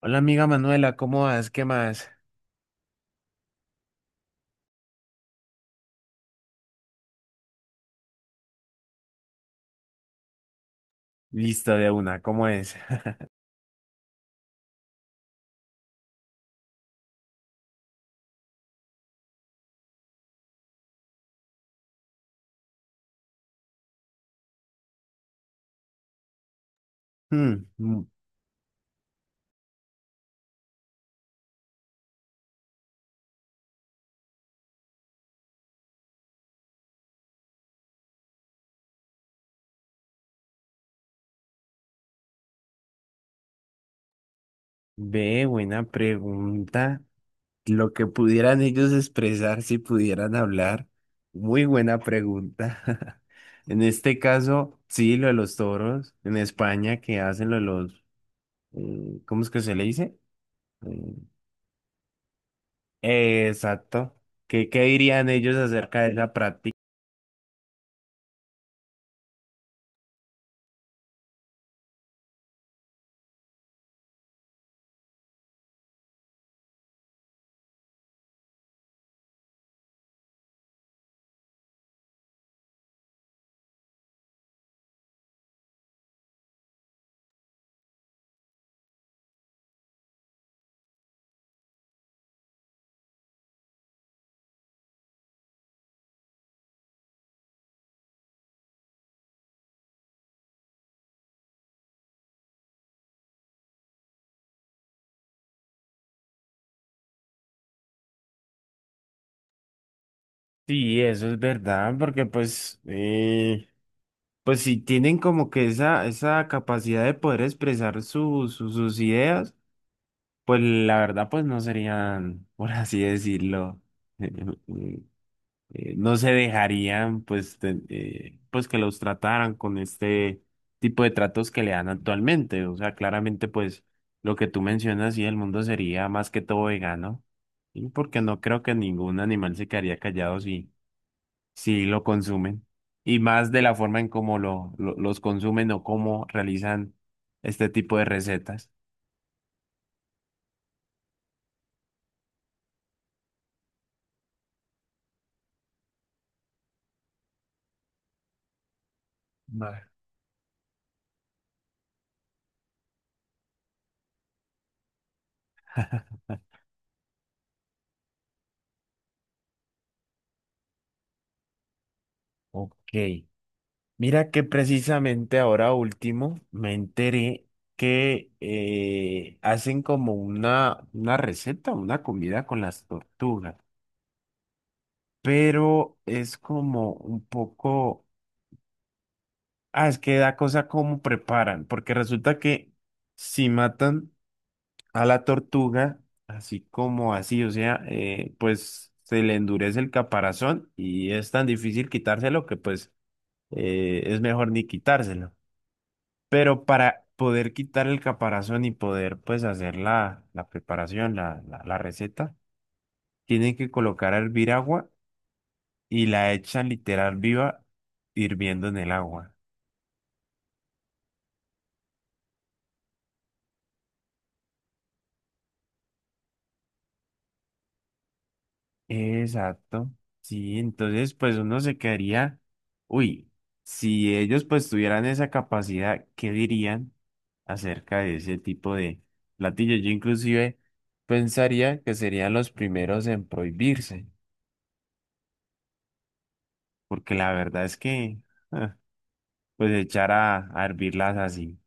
Hola amiga Manuela, ¿cómo vas? ¿Qué más? Listo, de una, ¿cómo es? Hmm, mm, ve, buena pregunta. Lo que pudieran ellos expresar si pudieran hablar. Muy buena pregunta. En este caso, sí, lo de los toros en España que hacen lo de los, ¿cómo es que se le dice? Exacto. ¿Qué dirían ellos acerca de esa práctica? Sí, eso es verdad, porque pues pues si tienen como que esa capacidad de poder expresar sus ideas, pues la verdad pues no serían, por así decirlo, eh, no se dejarían pues, pues que los trataran con este tipo de tratos que le dan actualmente. O sea, claramente pues lo que tú mencionas, sí, el mundo sería más que todo vegano, ¿sí? Porque no creo que ningún animal se quedaría callado si... Sí, lo consumen. Y más de la forma en cómo los consumen o cómo realizan este tipo de recetas. Vale. Ok. Mira que precisamente ahora último me enteré que hacen como una receta, una comida con las tortugas, pero es como un poco, ah, es que da cosa cómo preparan, porque resulta que si matan a la tortuga, así como así, o sea, pues se le endurece el caparazón y es tan difícil quitárselo que pues es mejor ni quitárselo. Pero para poder quitar el caparazón y poder pues hacer la preparación, la receta, tienen que colocar a hervir agua y la echan literal viva hirviendo en el agua. Exacto. Sí, entonces pues uno se quedaría, uy, si ellos pues tuvieran esa capacidad, ¿qué dirían acerca de ese tipo de platillos? Yo inclusive pensaría que serían los primeros en prohibirse, porque la verdad es que ah, pues echar a hervirlas así,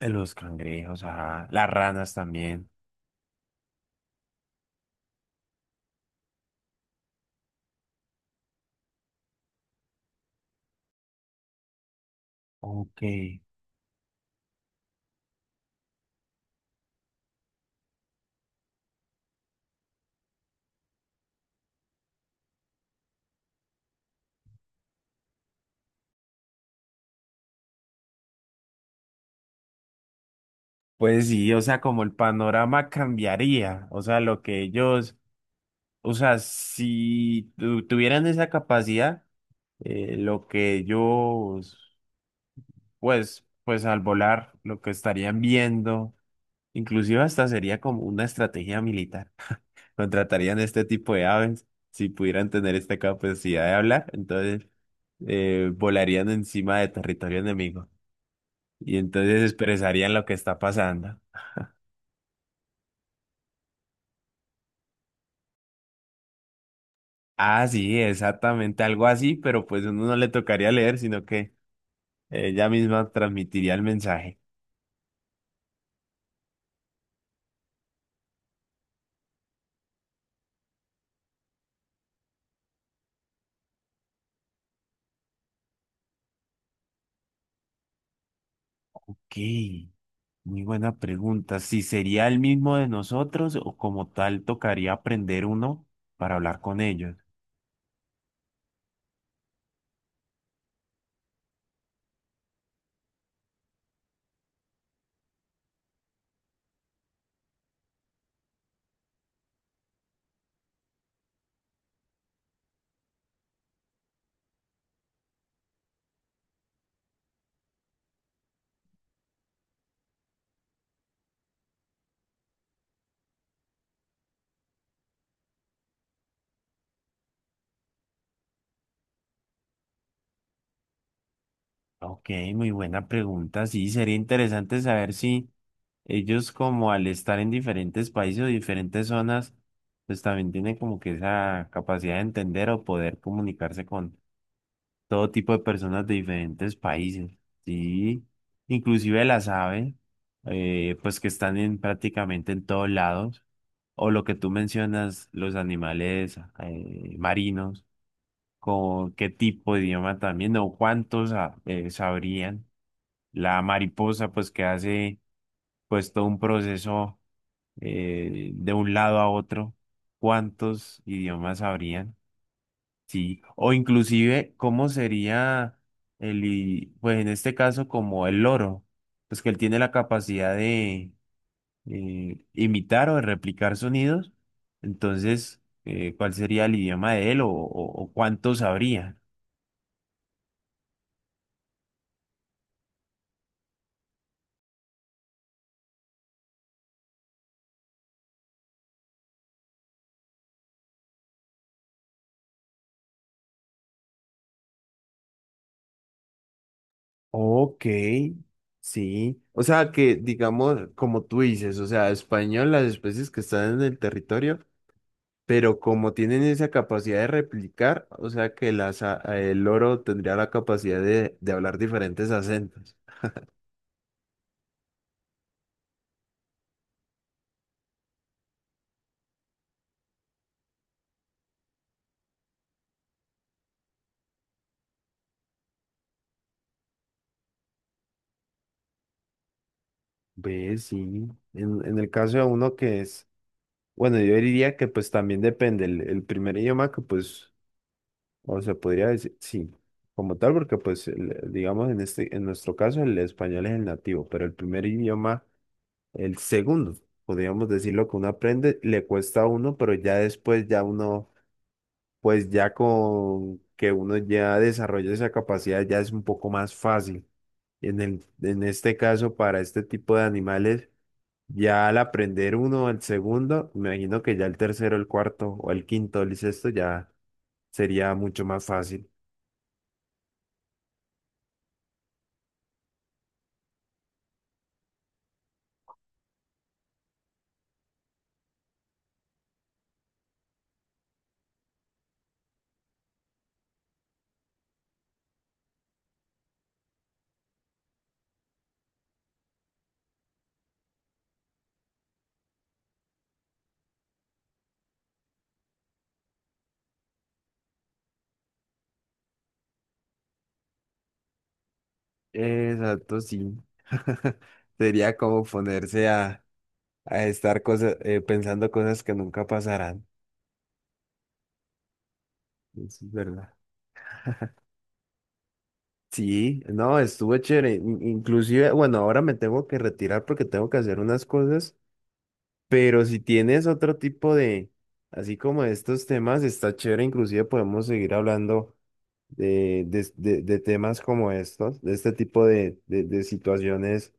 los cangrejos, ajá, las ranas también. Ok. Pues sí, o sea, como el panorama cambiaría, o sea, lo que ellos... O sea, si tuvieran esa capacidad, lo que ellos, pues al volar, lo que estarían viendo, inclusive hasta sería como una estrategia militar. Contratarían este tipo de aves si pudieran tener esta capacidad de hablar, entonces volarían encima de territorio enemigo y entonces expresarían lo que está pasando. Ah, sí, exactamente algo así, pero pues uno no le tocaría leer, sino que ella misma transmitiría el mensaje. Ok, muy buena pregunta. ¿Si sería el mismo de nosotros o como tal tocaría aprender uno para hablar con ellos? Ok, muy buena pregunta. Sí, sería interesante saber si ellos como al estar en diferentes países o diferentes zonas, pues también tienen como que esa capacidad de entender o poder comunicarse con todo tipo de personas de diferentes países, ¿sí? Inclusive las aves, pues que están en, prácticamente en todos lados, o lo que tú mencionas, los animales marinos, con qué tipo de idioma también, o cuántos sabrían. La mariposa, pues que hace pues todo un proceso de un lado a otro, ¿cuántos idiomas sabrían? Sí, o inclusive, ¿cómo sería pues en este caso, como el loro? Pues que él tiene la capacidad de imitar o de replicar sonidos. Entonces, ¿cuál sería el idioma de él o cuánto sabría? Ok, sí. O sea que, digamos, como tú dices, o sea, español, las especies que están en el territorio, pero como tienen esa capacidad de replicar, o sea que el loro tendría la capacidad de hablar diferentes acentos. Ve, sí. En el caso de uno que es, bueno, yo diría que pues también depende el primer idioma que pues, o se podría decir, sí, como tal, porque pues, digamos, en este, en nuestro caso el español es el nativo, pero el primer idioma, el segundo, podríamos decirlo que uno aprende, le cuesta a uno, pero ya después ya uno pues ya con que uno ya desarrolla esa capacidad ya es un poco más fácil. En este caso, para este tipo de animales, ya al aprender uno, el segundo, me imagino que ya el tercero, el cuarto o el quinto, el sexto ya sería mucho más fácil. Exacto, sí. Sería como ponerse a estar cosas, pensando cosas que nunca pasarán. Eso es verdad. Sí, no, estuvo chévere. Inclusive, bueno, ahora me tengo que retirar porque tengo que hacer unas cosas, pero si tienes otro tipo de, así como de estos temas, está chévere. Inclusive podemos seguir hablando de temas como estos, de este tipo de situaciones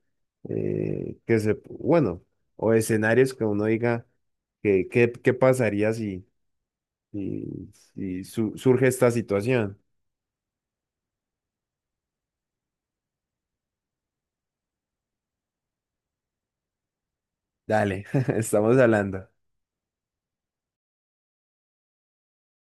que se, bueno, o escenarios que uno diga que, qué pasaría si, si surge esta situación. Dale, estamos hablando.